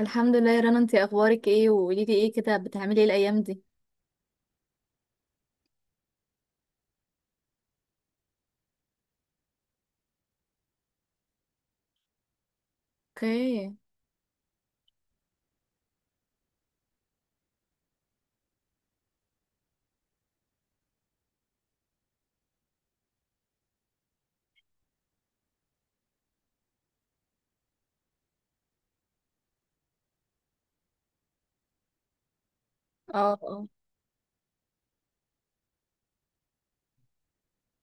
الحمد لله يا رنا، انتي اخبارك ايه؟ وقولي لي ايه كده، بتعملي ايه الايام دي؟ اوكي. اه، اه.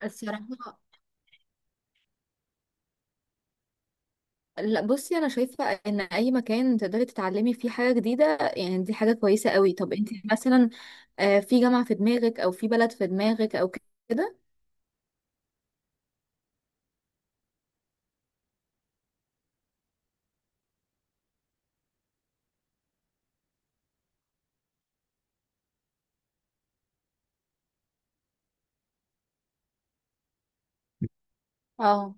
الصراحة. لا، بصي، انا شايفة ان اي مكان تقدري تتعلمي فيه حاجة جديدة، يعني دي حاجة كويسة قوي. طب انتي مثلا، في جامعة في دماغك او في بلد في دماغك او كده؟ اه.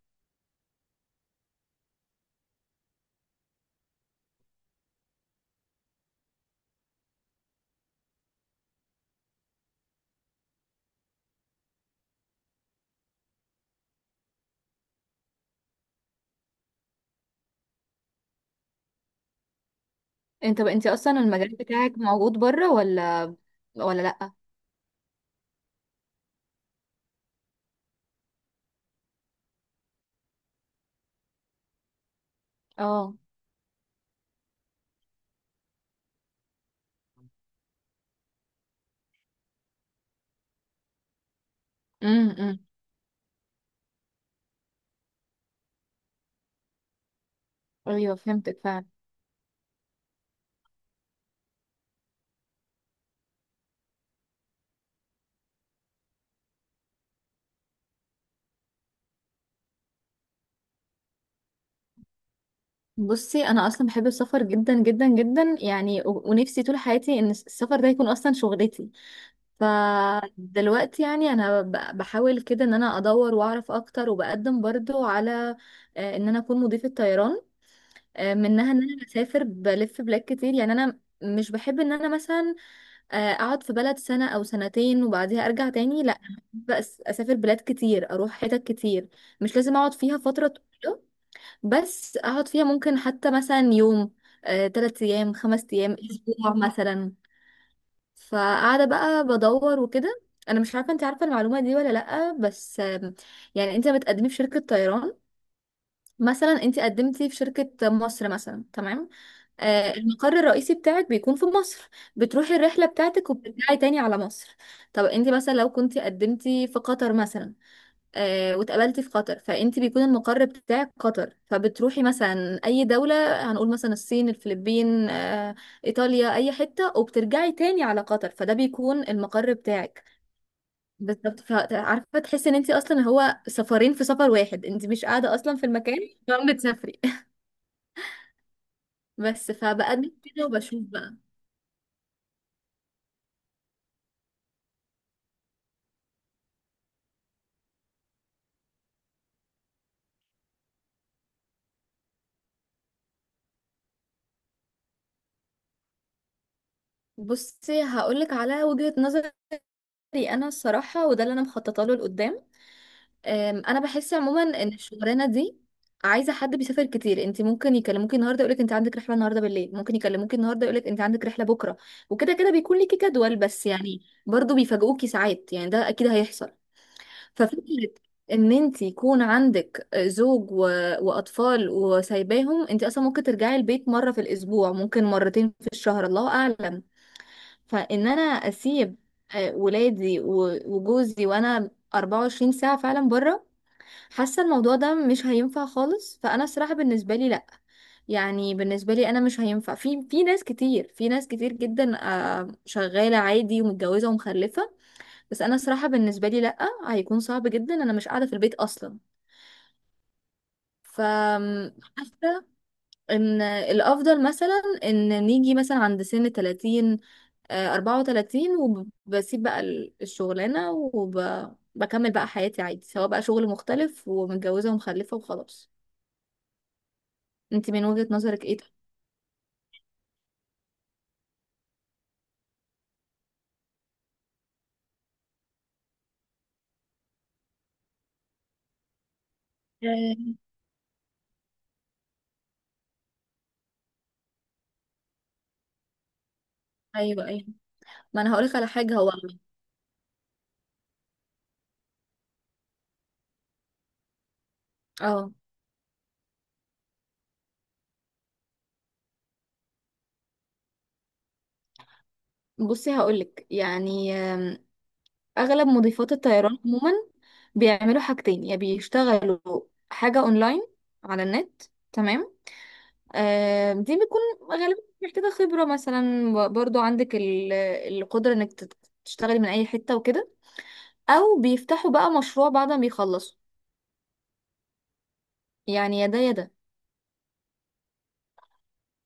انت بقى انتي اصلا المجال بتاعك موجود بره ولا لا؟ اه. امم. ايوه، فهمتك فعلا. بصي، انا اصلا بحب السفر جدا جدا جدا، يعني ونفسي طول حياتي ان السفر ده يكون اصلا شغلتي. فدلوقتي يعني انا بحاول كده ان انا ادور واعرف اكتر، وبقدم برضو على ان انا اكون مضيفة طيران. منها ان انا بسافر بلف بلاد كتير، يعني انا مش بحب ان انا مثلا اقعد في بلد سنة او سنتين وبعديها ارجع تاني، لا. بس اسافر بلاد كتير، اروح حتت كتير. مش لازم اقعد فيها فترة طويلة. بس اقعد فيها ممكن حتى مثلا يوم، 3 ايام، 5 ايام، اسبوع مثلا. فقاعده بقى بدور وكده. انا مش عارفه انت عارفه المعلومه دي ولا لا، بس يعني انت بتقدمي في شركه طيران، مثلا انت قدمتي في شركه مصر مثلا، تمام؟ المقر الرئيسي بتاعك بيكون في مصر. بتروحي الرحله بتاعتك وبترجعي تاني على مصر. طب انت مثلا لو كنت قدمتي في قطر مثلا، واتقابلتي في قطر، فانت بيكون المقر بتاعك قطر، فبتروحي مثلا اي دولة. هنقول مثلا الصين، الفلبين، ايطاليا، اي حتة، وبترجعي تاني على قطر، فده بيكون المقر بتاعك. بالظبط. فعارفة، تحسي ان انت اصلا هو سفرين في سفر واحد، انت مش قاعدة اصلا في المكان. فعم بتسافري بس فبقدم كده وبشوف بقى. بصي، هقولك على وجهة نظري. انا الصراحة، وده اللي انا مخططه له لقدام. انا بحس عموما ان الشغلانه دي عايزه حد بيسافر كتير. انت ممكن يكلموكي النهارده يقولك انت عندك رحله النهارده بالليل، ممكن يكلموكي النهارده يقولك انت عندك رحله بكره. وكده كده بيكون ليكي جدول، بس يعني برضو بيفاجئوكي ساعات، يعني ده اكيد هيحصل. ففكره ان انت يكون عندك زوج واطفال وسايباهم، انت اصلا ممكن ترجعي البيت مره في الاسبوع، ممكن مرتين في الشهر، الله اعلم. فان انا اسيب ولادي وجوزي، وانا 24 ساعه فعلا بره، حاسه الموضوع ده مش هينفع خالص. فانا الصراحه بالنسبه لي لا، يعني بالنسبه لي انا مش هينفع. في ناس كتير، في ناس كتير جدا، شغاله عادي ومتجوزه ومخلفه. بس انا الصراحه بالنسبه لي لا، هيكون صعب جدا، انا مش قاعده في البيت اصلا. فحاسه ان الافضل مثلا ان نيجي مثلا عند سن 30، 34، وبسيب بقى الشغلانه وبكمل بقى حياتي عادي، سواء بقى شغل مختلف ومتجوزه ومخلفه وخلاص. انت من وجهة نظرك ايه ده؟ آه، ايوه، ايوه. ما انا هقولك على حاجة، هو. اه. بصي هقولك يعني، اغلب مضيفات الطيران عموما بيعملوا حاجتين. يا بيشتغلوا حاجة اونلاين، على النت، تمام؟ آه دي بتكون غالبا محتاجة خبرة، مثلا برضو عندك القدرة انك تشتغلي من اي حتة وكده. او بيفتحوا بقى مشروع بعد ما بيخلصوا. يعني يا ده يا ده.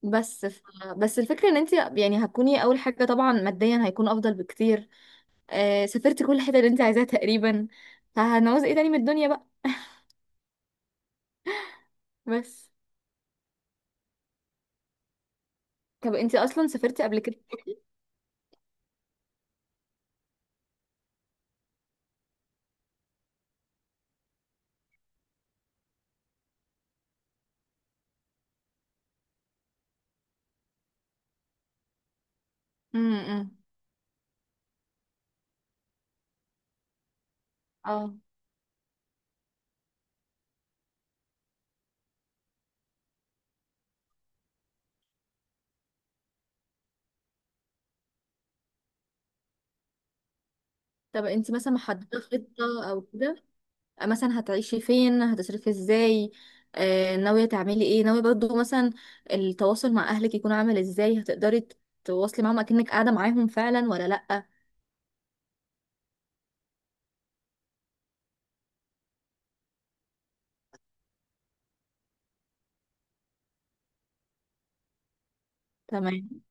بس ف... بس الفكرة ان انت يعني هتكوني اول حاجة. طبعا ماديا هيكون افضل بكتير، آه سافرتي كل حتة اللي انت عايزاها تقريبا، فهنعوز ايه تاني من الدنيا بقى؟ بس. طب انت اصلا سافرتي قبل كده؟ امم. امم. اه. طب انت مثلا محددة خطة او كده، مثلا هتعيشي فين، هتصرفي ازاي، آه ناوية تعملي ايه؟ ناوية برضو مثلا التواصل مع اهلك يكون عامل ازاي؟ هتقدري تواصلي معاهم اكنك قاعدة معاهم فعلا ولا لأ؟ تمام.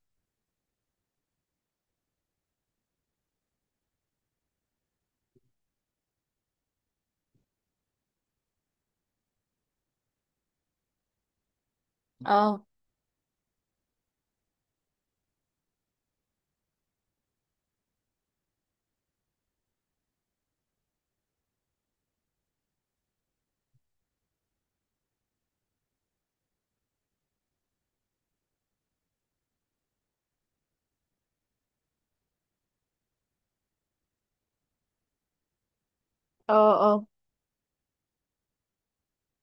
اه، اه، اه.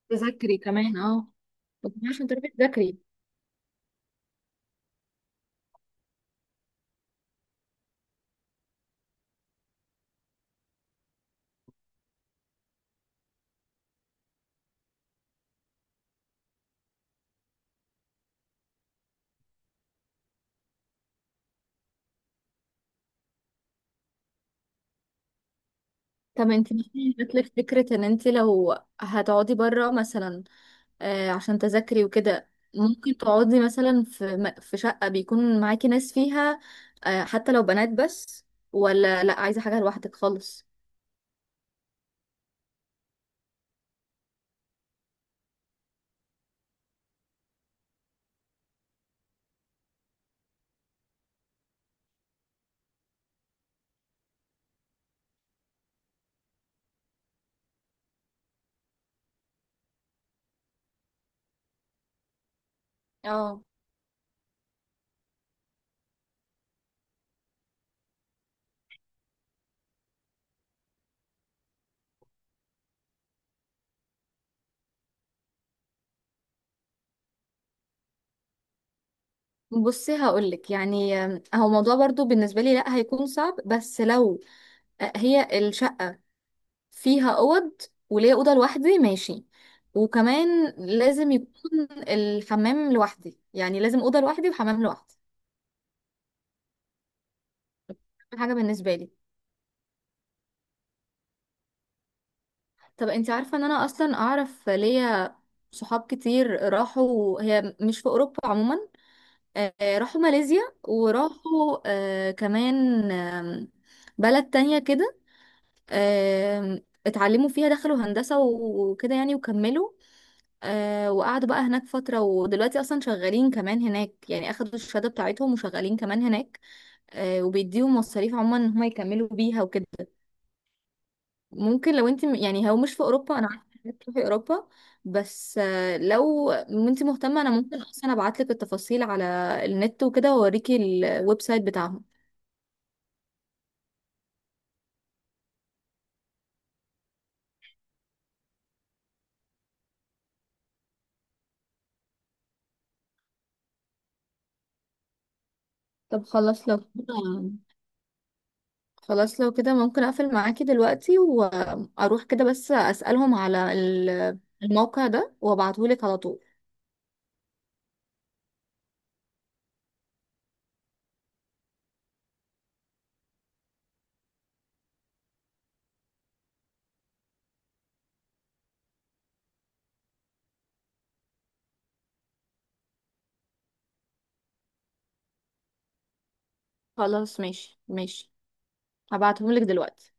تذاكري كمان، اه. وكمان عشان تعرفي تذاكري. طب انت مثلا جات لك فكرة ان انت لو هتقعدي بره مثلا، آه عشان تذاكري وكده، ممكن تقعدي مثلا في في شقة بيكون معاكي ناس فيها، آه حتى لو بنات بس؟ ولا لا، عايزة حاجة لوحدك خالص؟ اه، بصي هقولك يعني، هو موضوع برضو بالنسبة لي لا، هيكون صعب. بس لو هي الشقة فيها اوض، وليا اوضه لوحدي، ماشي. وكمان لازم يكون الحمام لوحدي، يعني لازم اوضه لوحدي وحمام لوحدي. أهم حاجه بالنسبه لي. طب انت عارفه ان انا اصلا اعرف ليا صحاب كتير راحوا، هي مش في اوروبا عموما، راحوا ماليزيا، وراحوا كمان، بلد تانية كده، اتعلموا فيها، دخلوا هندسة وكده يعني وكملوا. آه، وقعدوا بقى هناك فترة، ودلوقتي أصلا شغالين كمان هناك، يعني أخدوا الشهادة بتاعتهم وشغالين كمان هناك. آه، وبيديهم مصاريف عموما إن هما يكملوا بيها وكده. ممكن لو أنت يعني هو مش في أوروبا، أنا عارفة إنك تروحي أوروبا، بس آه لو أنت مهتمة أنا ممكن أصلا أبعتلك التفاصيل على النت وكده، وأوريكي الويب سايت بتاعهم. طب خلاص لو كده، خلاص لو كده ممكن أقفل معاكي دلوقتي وأروح كده، بس أسألهم على الموقع ده وأبعتهولك على طول. خلاص، ماشي ماشي. هبعتهم لك دلوقتي.